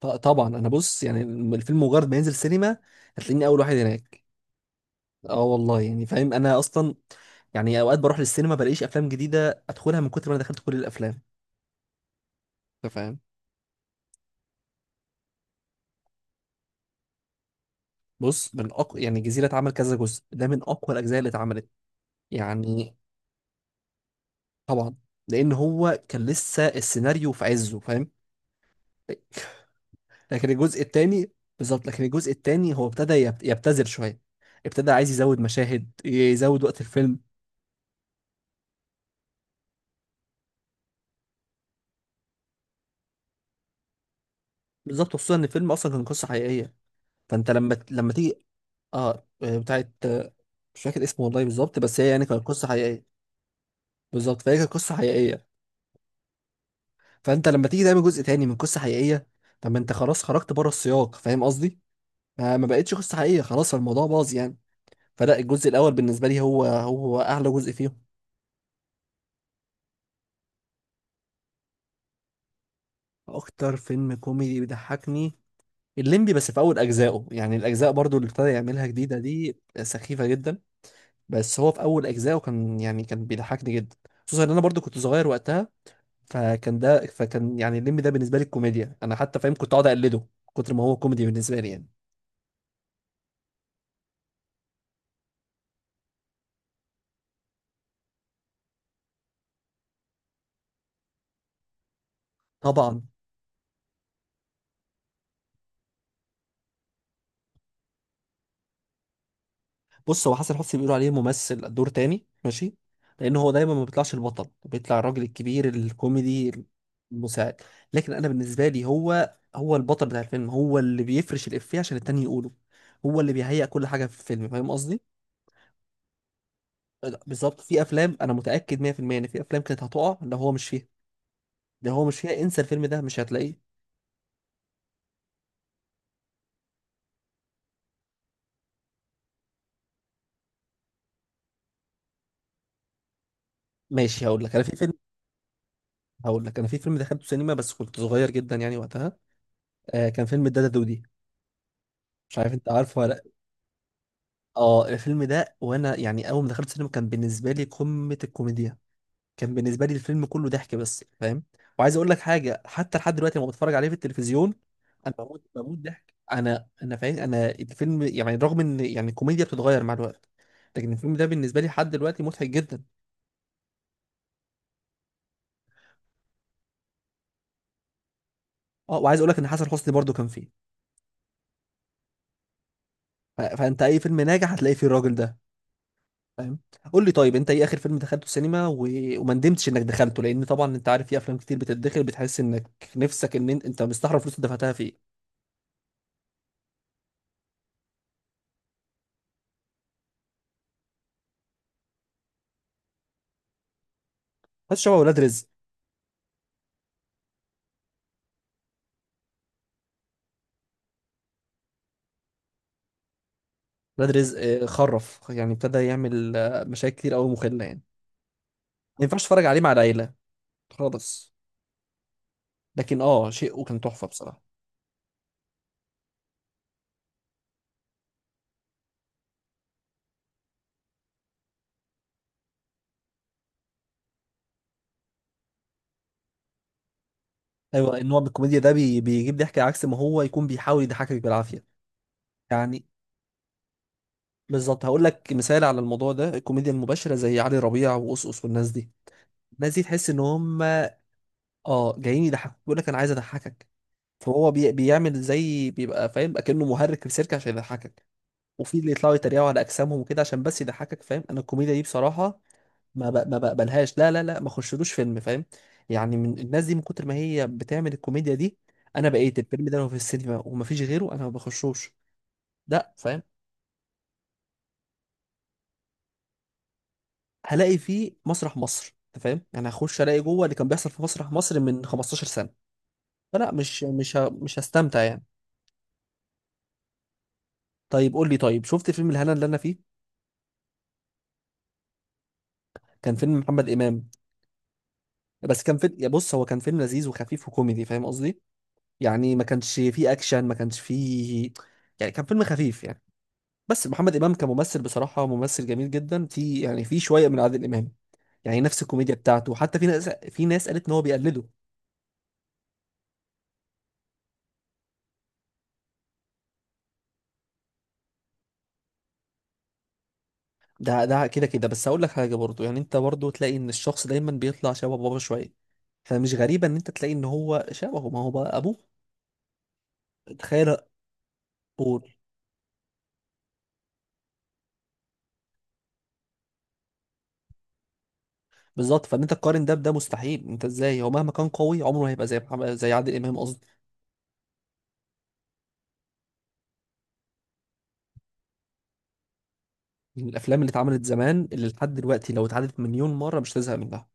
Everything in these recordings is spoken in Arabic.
طبعا انا بص يعني الفيلم مجرد ما ينزل سينما هتلاقيني اول واحد هناك. اه والله يعني فاهم انا اصلا، يعني اوقات بروح للسينما بلاقيش افلام جديده ادخلها من كتر ما انا دخلت كل الافلام. انت فاهم؟ بص، من اقوى، يعني الجزيره اتعمل كذا جزء، ده من اقوى الاجزاء اللي اتعملت يعني. طبعا، لان هو كان لسه السيناريو في عزه فاهم. لكن الجزء الثاني بالظبط، لكن الجزء الثاني هو ابتدى يبتذل شويه، ابتدى عايز يزود مشاهد، يزود وقت الفيلم. بالظبط، خصوصا ان الفيلم اصلا كان قصه حقيقيه، فانت لما لما تيجي. اه بتاعت مش فاكر اسمه والله بالظبط، بس هي يعني كانت قصه حقيقيه. بالظبط، فهي كانت قصه حقيقيه، فانت لما تيجي تعمل جزء تاني من قصه حقيقيه، طب ما انت خلاص خرجت بره السياق فاهم قصدي؟ ما بقتش قصه حقيقيه، خلاص الموضوع باظ يعني. فلا، الجزء الاول بالنسبه لي هو هو اعلى جزء فيهم. اكتر فيلم كوميدي بيضحكني الليمبي، بس في اول اجزائه، يعني الاجزاء برضو اللي ابتدى يعملها جديده دي سخيفه جدا، بس هو في اول اجزائه كان يعني كان بيضحكني جدا. خصوصا ان انا برضو كنت صغير وقتها، فكان يعني الليمبي ده بالنسبه لي الكوميديا، انا حتى فاهم كنت اقعد اقلده من كتر ما هو كوميدي بالنسبه لي يعني. طبعا. بص، هو حسن حسني بيقولوا عليه ممثل دور تاني ماشي، لان هو دايما ما بيطلعش البطل، بيطلع الراجل الكبير الكوميدي. المساعد، لكن انا بالنسبه لي هو هو البطل بتاع الفيلم، هو اللي بيفرش الافيه عشان التاني يقوله، هو اللي بيهيئ كل حاجه في الفيلم فاهم قصدي؟ لا، بالظبط، في افلام انا متاكد 100% ان في افلام كانت هتقع لو هو مش فيها. لو هو مش فيها انسى الفيلم ده مش هتلاقيه. ماشي، هقول لك انا في فيلم، هقول لك انا في فيلم دخلته سينما بس كنت صغير جدا يعني وقتها. آه، كان فيلم الدادا دودي، مش عارف انت عارفه ولا لأ. اه الفيلم ده، وانا يعني اول ما دخلت السينما كان بالنسبه لي قمه الكوميديا، كان بالنسبه لي الفيلم كله ضحك بس فاهم. وعايز اقول لك حاجه، حتى لحد دلوقتي لما بتفرج عليه في التلفزيون انا بموت ضحك، انا فاهم، انا الفيلم يعني رغم ان يعني الكوميديا بتتغير مع الوقت، لكن الفيلم ده بالنسبه لي لحد دلوقتي مضحك جدا. اه، وعايز اقول لك ان حسن حسني برضو كان فيه، فانت اي فيلم ناجح هتلاقي فيه الراجل ده فاهم. قول لي طيب، انت ايه اخر فيلم دخلته السينما و... وما ندمتش انك دخلته، لان طبعا انت عارف في افلام كتير بتتدخل بتحس انك نفسك ان انت مستحرم فلوس اللي دفعتها فيه. بس شبه ولاد رزق. ولاد رزق خرف يعني، ابتدى يعمل مشاكل كتير قوي مخله يعني. ما ينفعش اتفرج عليه مع العيله خالص. لكن اه شيء وكان تحفه بصراحه. ايوه، النوع من الكوميديا ده بي... بيجيب ضحك عكس ما هو يكون بيحاول يضحكك بالعافيه يعني. بالظبط، هقول لك مثال على الموضوع ده، الكوميديا المباشره زي علي ربيع وقصقص والناس دي، الناس دي تحس ان هم اه جايين يضحكوك، بيقول لك انا عايز اضحكك، فهو بي... بيعمل زي بيبقى فاهم اكنه مهرج في السيرك عشان يضحكك، وفي اللي يطلعوا يتريقوا على اجسامهم وكده عشان بس يضحكك فاهم. انا الكوميديا دي بصراحه ما ب... ما بقبلهاش، لا ما خشلوش فيلم فاهم يعني من الناس دي، من كتر ما هي بتعمل الكوميديا دي، انا بقيت الفيلم ده لو في السينما ومفيش غيره انا ما بخشوش. لا فاهم، هلاقي فيه مسرح مصر انت فاهم، يعني هخش الاقي جوه اللي كان بيحصل في مسرح مصر من 15 سنه، فلا مش مش هستمتع يعني. طيب قول لي، طيب شفت فيلم الهنا اللي انا فيه؟ كان فيلم محمد امام، بس كان فيلم، يا بص هو كان فيلم لذيذ وخفيف وكوميدي فاهم قصدي، يعني ما كانش فيه اكشن، ما كانش فيه، يعني كان فيلم خفيف يعني. بس محمد امام كممثل بصراحه ممثل جميل جدا، في يعني في شويه من عادل امام، يعني نفس الكوميديا بتاعته، حتى في ناس، في ناس قالت ان هو بيقلده. ده ده كده كده، بس هقول لك حاجه برضو، يعني انت برضو تلاقي ان الشخص دايما بيطلع شبه بابا شويه، فمش غريبه ان انت تلاقي ان هو شبهه، ما هو بقى ابوه. تخيل. بالظبط، فان انت تقارن ده بده مستحيل، انت ازاي، هو مهما كان قوي عمره ما هيبقى زي محمد، زي عادل امام قصدي. من الافلام اللي اتعملت زمان اللي لحد دلوقتي لو اتعادت مليون مره مش تزهق منها.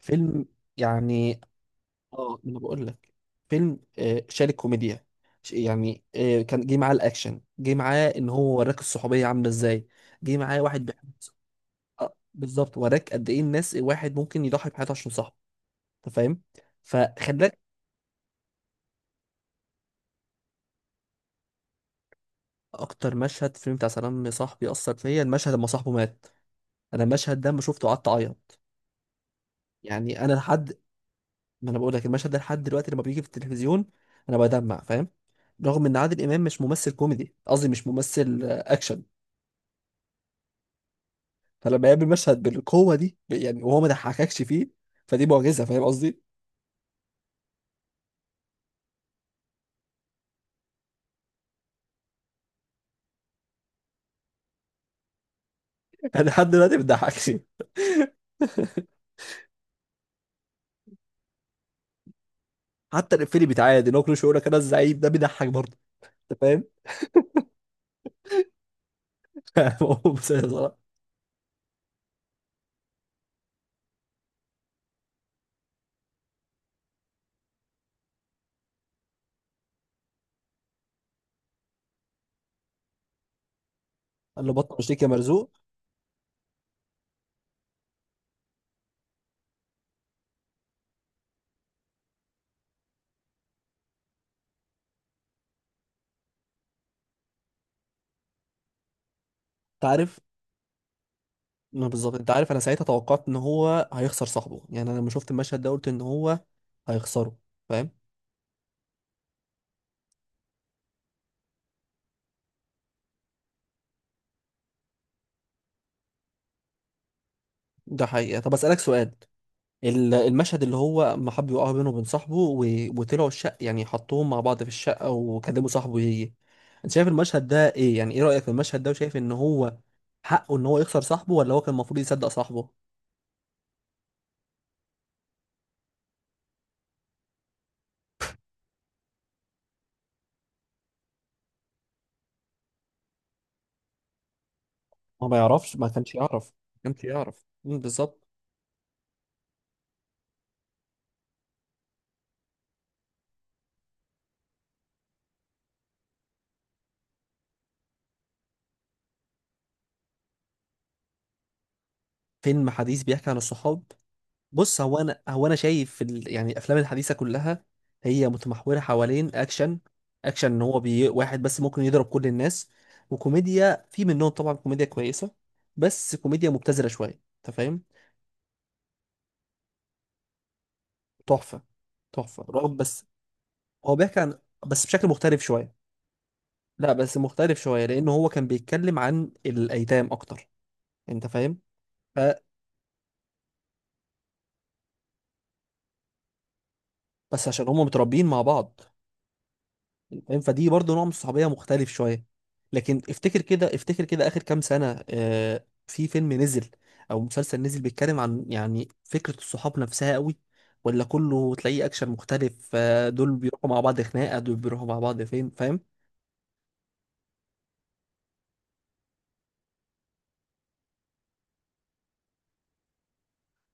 فيلم يعني، اه ما انا بقول لك. فيلم شال الكوميديا، يعني كان جه معاه الاكشن، جه معاه ان هو وراك الصحوبيه عامله ازاي، جه معاه واحد بيحب. بالظبط، وراك قد ايه الناس، الواحد ممكن يضحي بحياته عشان صاحبه انت فاهم، فخلاك. اكتر مشهد في الفيلم بتاع سلام يا صاحبي اثر فيا المشهد لما صاحبه مات، انا المشهد ده لما شفته قعدت اعيط يعني. انا لحد، ما انا بقول لك المشهد ده لحد دلوقتي لما بيجي في التلفزيون انا بدمع فاهم، رغم ان عادل امام مش ممثل كوميدي، قصدي مش ممثل اكشن، فلما يقابل مشهد بالقوه دي ب- يعني وهو ما ضحككش فيه، فدي معجزه فاهم قصدي. انا لحد دلوقتي ما بتضحكش. حتى الافيه اللي بيتعاد ان هو كل شويه يقول لك انا الزعيم، ده بيضحك برضه انت فاهم. هو مسيس صراحه. قال له بطل مشيك يا مرزوق. انت عارف، ما بالظبط، انت عارف انا ساعتها توقعت ان هو هيخسر صاحبه، يعني انا لما شفت المشهد ده قلت ان هو هيخسروا فاهم. ده حقيقة. طب أسألك سؤال، ال- المشهد اللي هو ما حب يقع بينه وبين صاحبه و... وطلعوا الشقة، يعني حطوهم مع بعض في الشقة وكلموا صاحبه يجي، انت شايف المشهد ده ايه، يعني ايه رأيك في المشهد ده، وشايف ان هو حقه ان هو يخسر صاحبه ولا هو كان المفروض يصدق صاحبه؟ هو ما يعرفش، ما كانش يعرف، ما كانش يعرف. بالظبط. فيلم حديث بيحكي عن الصحاب؟ بص، هو انا هو انا شايف ال... يعني الافلام الحديثه كلها هي متمحوره حوالين اكشن، اكشن ان هو بي... واحد بس ممكن يضرب كل الناس، وكوميديا في منهم، طبعا كوميديا كويسه، بس كوميديا مبتذله شويه انت فاهم. تحفه. تحفه رعب بس. هو بيحكي عن، بس بشكل مختلف شويه. لا، بس مختلف شويه، لان هو كان بيتكلم عن الايتام اكتر انت فاهم. ف... بس عشان هم متربيين مع بعض فاهم، فدي برضه نوع من الصحوبيه مختلف شويه. لكن افتكر كده، افتكر كده اخر كام سنه آه في فيلم نزل او مسلسل نزل بيتكلم عن يعني فكره الصحاب نفسها قوي، ولا كله تلاقيه اكشن مختلف، آه دول بيروحوا مع بعض خناقه، دول بيروحوا مع بعض فين فاهم.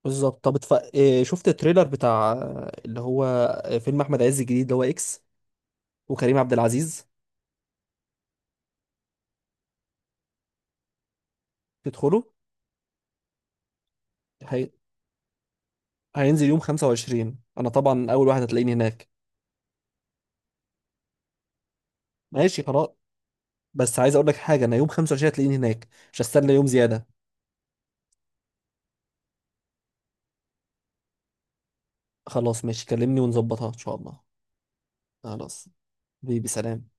بالظبط. طب اتف... شفت التريلر بتاع اللي هو فيلم احمد عز الجديد اللي هو اكس وكريم عبد العزيز؟ تدخله. هي... هينزل يوم 25، انا طبعا اول واحد هتلاقيني هناك. ماشي خلاص، بس عايز اقول لك حاجه، انا يوم 25 هتلاقيني هناك، مش هستنى يوم زياده. خلاص ماشي، كلمني ونظبطها ان شاء الله. خلاص. بيبي، سلام.